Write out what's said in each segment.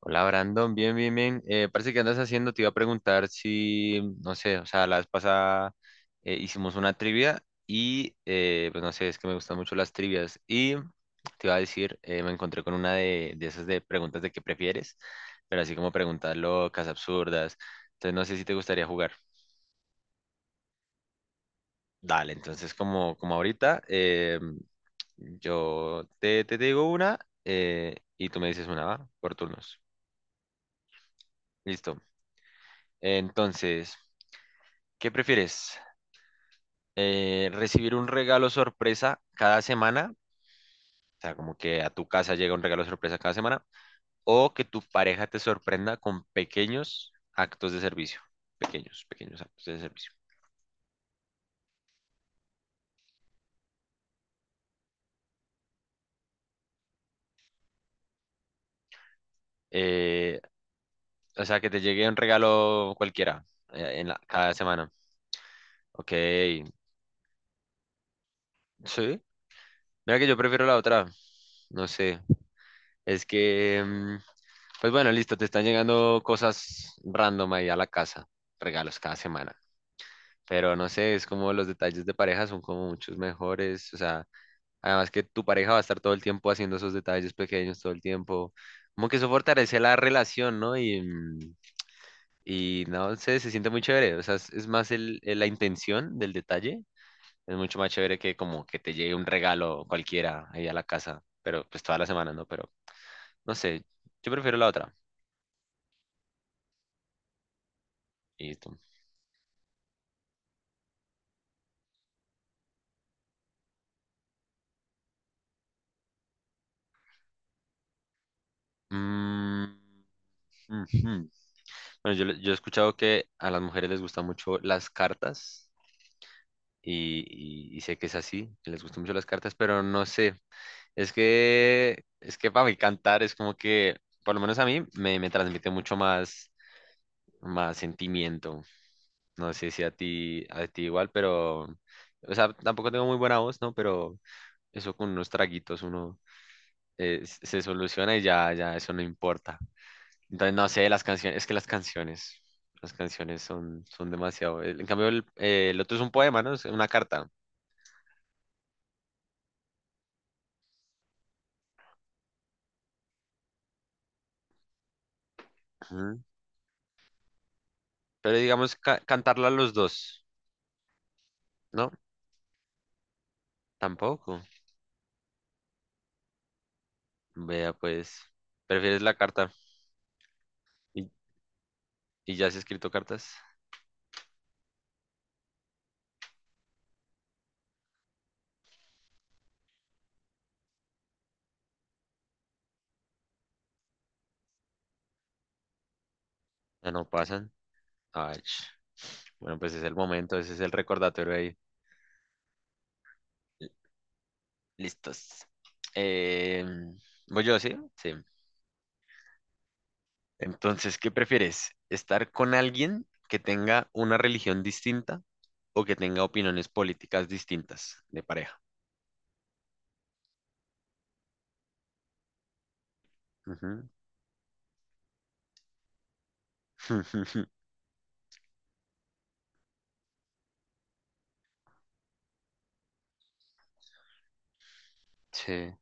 Hola Brandon, bien, bien, bien. Parece que andas haciendo, te iba a preguntar si, no sé, o sea, la vez pasada hicimos una trivia y, pues no sé, es que me gustan mucho las trivias y te iba a decir, me encontré con una de, esas de preguntas de qué prefieres, pero así como preguntas locas, absurdas. Entonces no sé si te gustaría jugar. Dale, entonces como, ahorita, yo te digo una y tú me dices una, ¿va? Por turnos. Listo. Entonces... ¿Qué prefieres? ¿Recibir un regalo sorpresa cada semana? O sea, como que a tu casa llega un regalo sorpresa cada semana. ¿O que tu pareja te sorprenda con pequeños actos de servicio? Pequeños, pequeños actos de servicio. Eh, o sea, que te llegue un regalo cualquiera cada semana. Ok, sí. Mira que yo prefiero la otra. No sé. Es que, pues bueno, listo, te están llegando cosas random ahí a la casa. Regalos cada semana. Pero no sé, es como los detalles de pareja son como muchos mejores, o sea, además que tu pareja va a estar todo el tiempo haciendo esos detalles pequeños todo el tiempo, como que eso fortalece la relación, ¿no? Y no sé, se siente muy chévere, o sea, es, más la intención del detalle, es mucho más chévere que como que te llegue un regalo cualquiera ahí a la casa, pero pues toda la semana, ¿no? Pero no sé, yo prefiero la otra. Y tú. Mm, ujú. Bueno, yo he escuchado que a las mujeres les gustan mucho las cartas. Y, y sé que es así, que les gustan mucho las cartas, pero no sé, es que, para mí cantar es como que, por lo menos a mí, me, transmite mucho más, más sentimiento, no sé si a ti igual, pero, o sea, tampoco tengo muy buena voz, ¿no? Pero eso con unos traguitos uno se soluciona y ya, ya, eso no importa. Entonces, no sé, las canciones, es que las canciones... Las canciones son, son demasiado. En cambio, el, el otro es un poema, ¿no? Es una carta. Ujú. Pero digamos cantarla los dos, ¿no? Tampoco. Vea, pues, prefieres la carta. ¿Y, y ya has escrito cartas? Ya no pasan. Ay, ch. Bueno, pues es el momento, ese es el recordatorio ahí. L- Listos. Eh, ¿Voy yo, sí? Sí. Entonces, ¿qué prefieres? ¿Estar con alguien que tenga una religión distinta o que tenga opiniones políticas distintas de pareja? Ujú. Sí.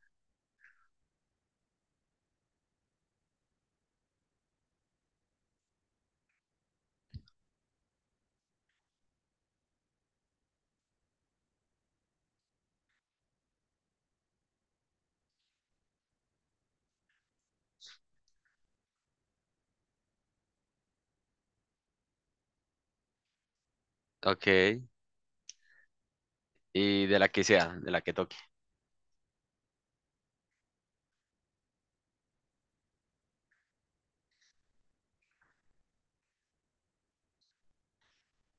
Ok. Y de la que sea, de la que toque.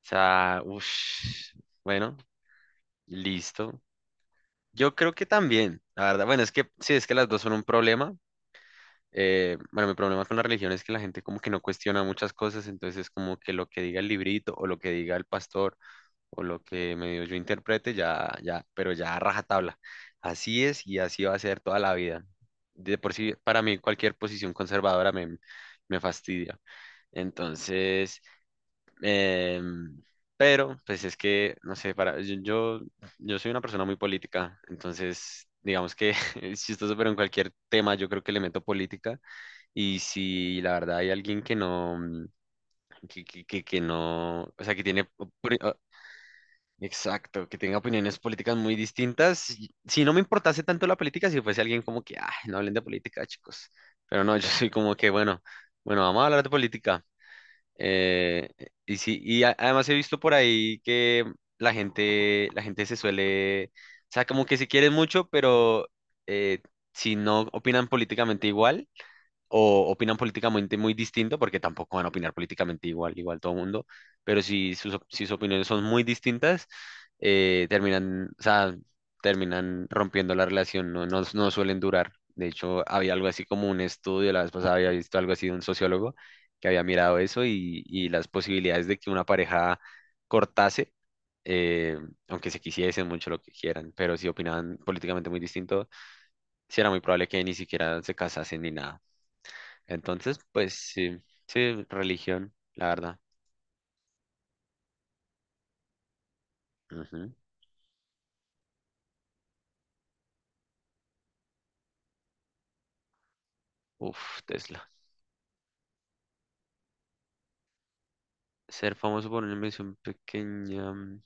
Sea, uff, bueno, listo. Yo creo que también, la verdad, bueno, es que sí, es que las dos son un problema. Bueno, mi problema con la religión es que la gente como que no cuestiona muchas cosas, entonces es como que lo que diga el librito o lo que diga el pastor o lo que medio yo interprete, ya, ya, pero ya a rajatabla. Así es y así va a ser toda la vida. De por sí, para mí cualquier posición conservadora me, fastidia. Entonces, eh, pero, pues es que, no sé, yo soy una persona muy política, entonces, digamos que es chistoso, pero en cualquier tema yo creo que le meto política. Y si la verdad hay alguien que no, que, que no, o sea, que tiene, exacto, que tenga opiniones políticas muy distintas, si no me importase tanto la política, si fuese alguien como que, ay, no hablen de política, chicos. Pero no, yo soy como que, bueno, bueno, vamos a hablar de política. Eh, y sí, además he visto por ahí que la gente, se suele, o sea, como que se quieren mucho, pero eh, si no opinan políticamente igual, o opinan políticamente muy distinto, porque tampoco van a opinar políticamente igual, igual todo el mundo, pero si sus, si sus opiniones son muy distintas, terminan, o sea, terminan rompiendo la relación, no, no, no suelen durar. De hecho, había algo así como un estudio, la vez pasada había visto algo así de un sociólogo que había mirado eso y las posibilidades de que una pareja cortase, eh, aunque se quisiesen mucho lo que quieran, pero si opinaban políticamente muy distinto, sí era muy probable que ni siquiera se casasen ni nada. Entonces, pues sí, sí, religión, la verdad. Ujú. Uf, Tesla. Ser famoso por una invención pequeña. Mm.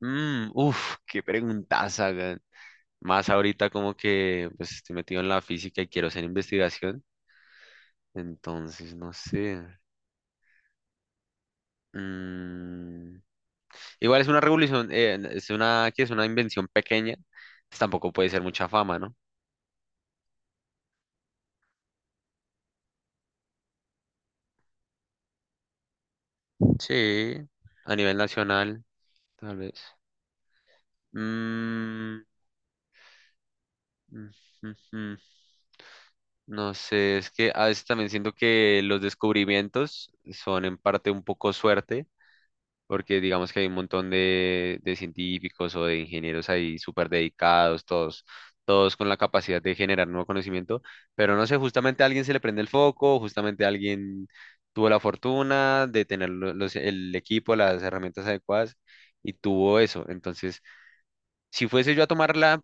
Mm, uf, Qué preguntas hagan. Más ahorita como que pues estoy metido en la física y quiero hacer investigación. Entonces, no sé. Mm, igual es una revolución, es una, que es una invención pequeña. Pues, tampoco puede ser mucha fama, ¿no? Sí, a nivel nacional, tal vez. Mm, ujujú. No sé, es que a veces también siento que los descubrimientos son en parte un poco suerte, porque digamos que hay un montón de científicos o de ingenieros ahí súper dedicados, todos, todos con la capacidad de generar nuevo conocimiento, pero no sé, justamente a alguien se le prende el foco, justamente alguien tuvo la fortuna de tener el equipo, las herramientas adecuadas y tuvo eso. Entonces, si fuese yo a tomarla,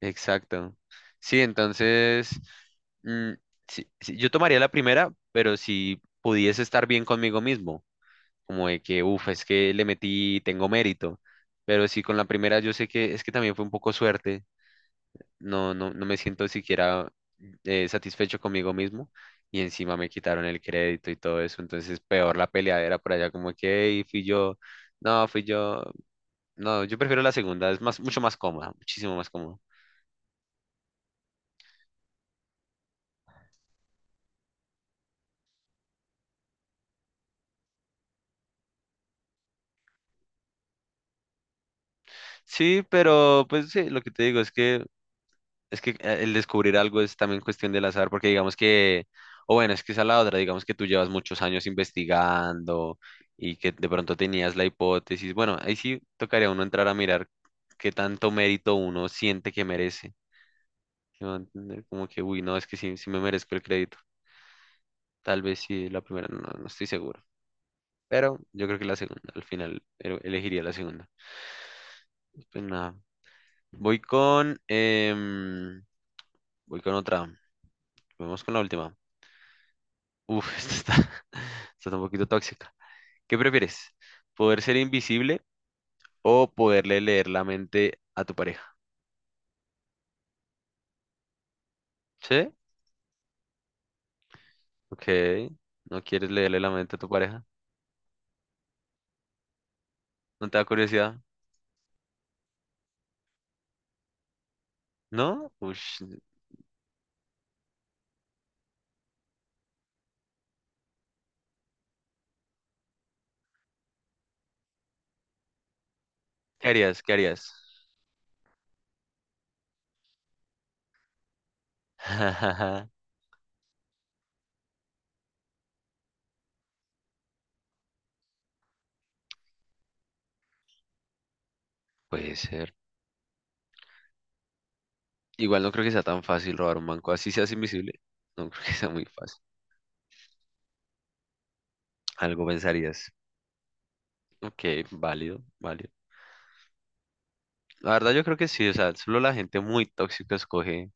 exacto. Sí, entonces, mm, sí, yo tomaría la primera, pero si pudiese estar bien conmigo mismo, como de que, uff, es que le metí, tengo mérito, pero si con la primera yo sé que es que también fue un poco suerte, no, no, no me siento siquiera satisfecho conmigo mismo y encima me quitaron el crédito y todo eso, entonces peor la peleadera por allá, como que, "Ey, fui yo, no, yo prefiero la segunda, es más, mucho más cómoda, muchísimo más cómoda. Sí, pero pues sí, lo que te digo es que el descubrir algo es también cuestión del azar, porque digamos que, o bueno, es que esa es la otra, digamos que tú llevas muchos años investigando y que de pronto tenías la hipótesis. Bueno, ahí sí tocaría a uno entrar a mirar qué tanto mérito uno siente que merece. ¿Sí me va a entender? Como que, uy, no, es que sí, sí me merezco el crédito. Tal vez sí, la primera, no, no estoy seguro. Pero yo creo que la segunda, al final elegiría la segunda. Pues nada, voy con, voy con otra. Vamos con la última. Uf, esta está, esta está un poquito tóxica. ¿Qué prefieres? ¿Poder ser invisible o poderle leer la mente a tu pareja? ¿Sí? Ok. ¿No quieres leerle la mente a tu pareja? ¿No te da curiosidad? ¿No? ¿Qué harías? ¿Qué harías? Puede ser. Igual no creo que sea tan fácil robar un banco. Así seas invisible. No creo que sea muy fácil. Algo pensarías. Ok, válido, válido. La verdad yo creo que sí. O sea, solo la gente muy tóxica escoge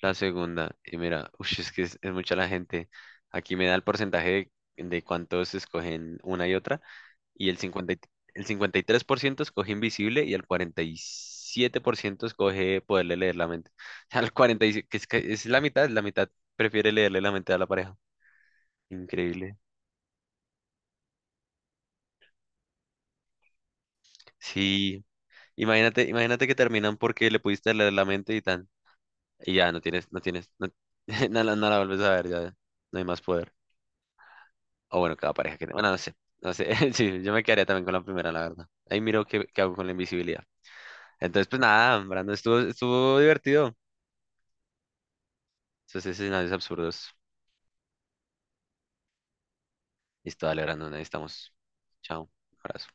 la segunda, y mira, ush, es que es, mucha la gente. Aquí me da el porcentaje de cuántos escogen una y otra, y el 53% escoge invisible y el 47% escoge poderle leer la mente. O sea, el 47, que es la mitad prefiere leerle la mente a la pareja. Increíble. Sí, imagínate, imagínate que terminan porque le pudiste leer la mente y tan, y ya no tienes, no, no, la no la vuelves a ver, ya no hay más poder. O bueno, cada pareja que tenga. Bueno, no sé. No sé. Sí, yo me quedaría también con la primera, la verdad. Ahí miro qué, hago con la invisibilidad. Entonces, pues nada, Brandon, estuvo divertido. Esos escenarios absurdos. Listo, dale, Brandon, ahí estamos. Chao. Abrazo.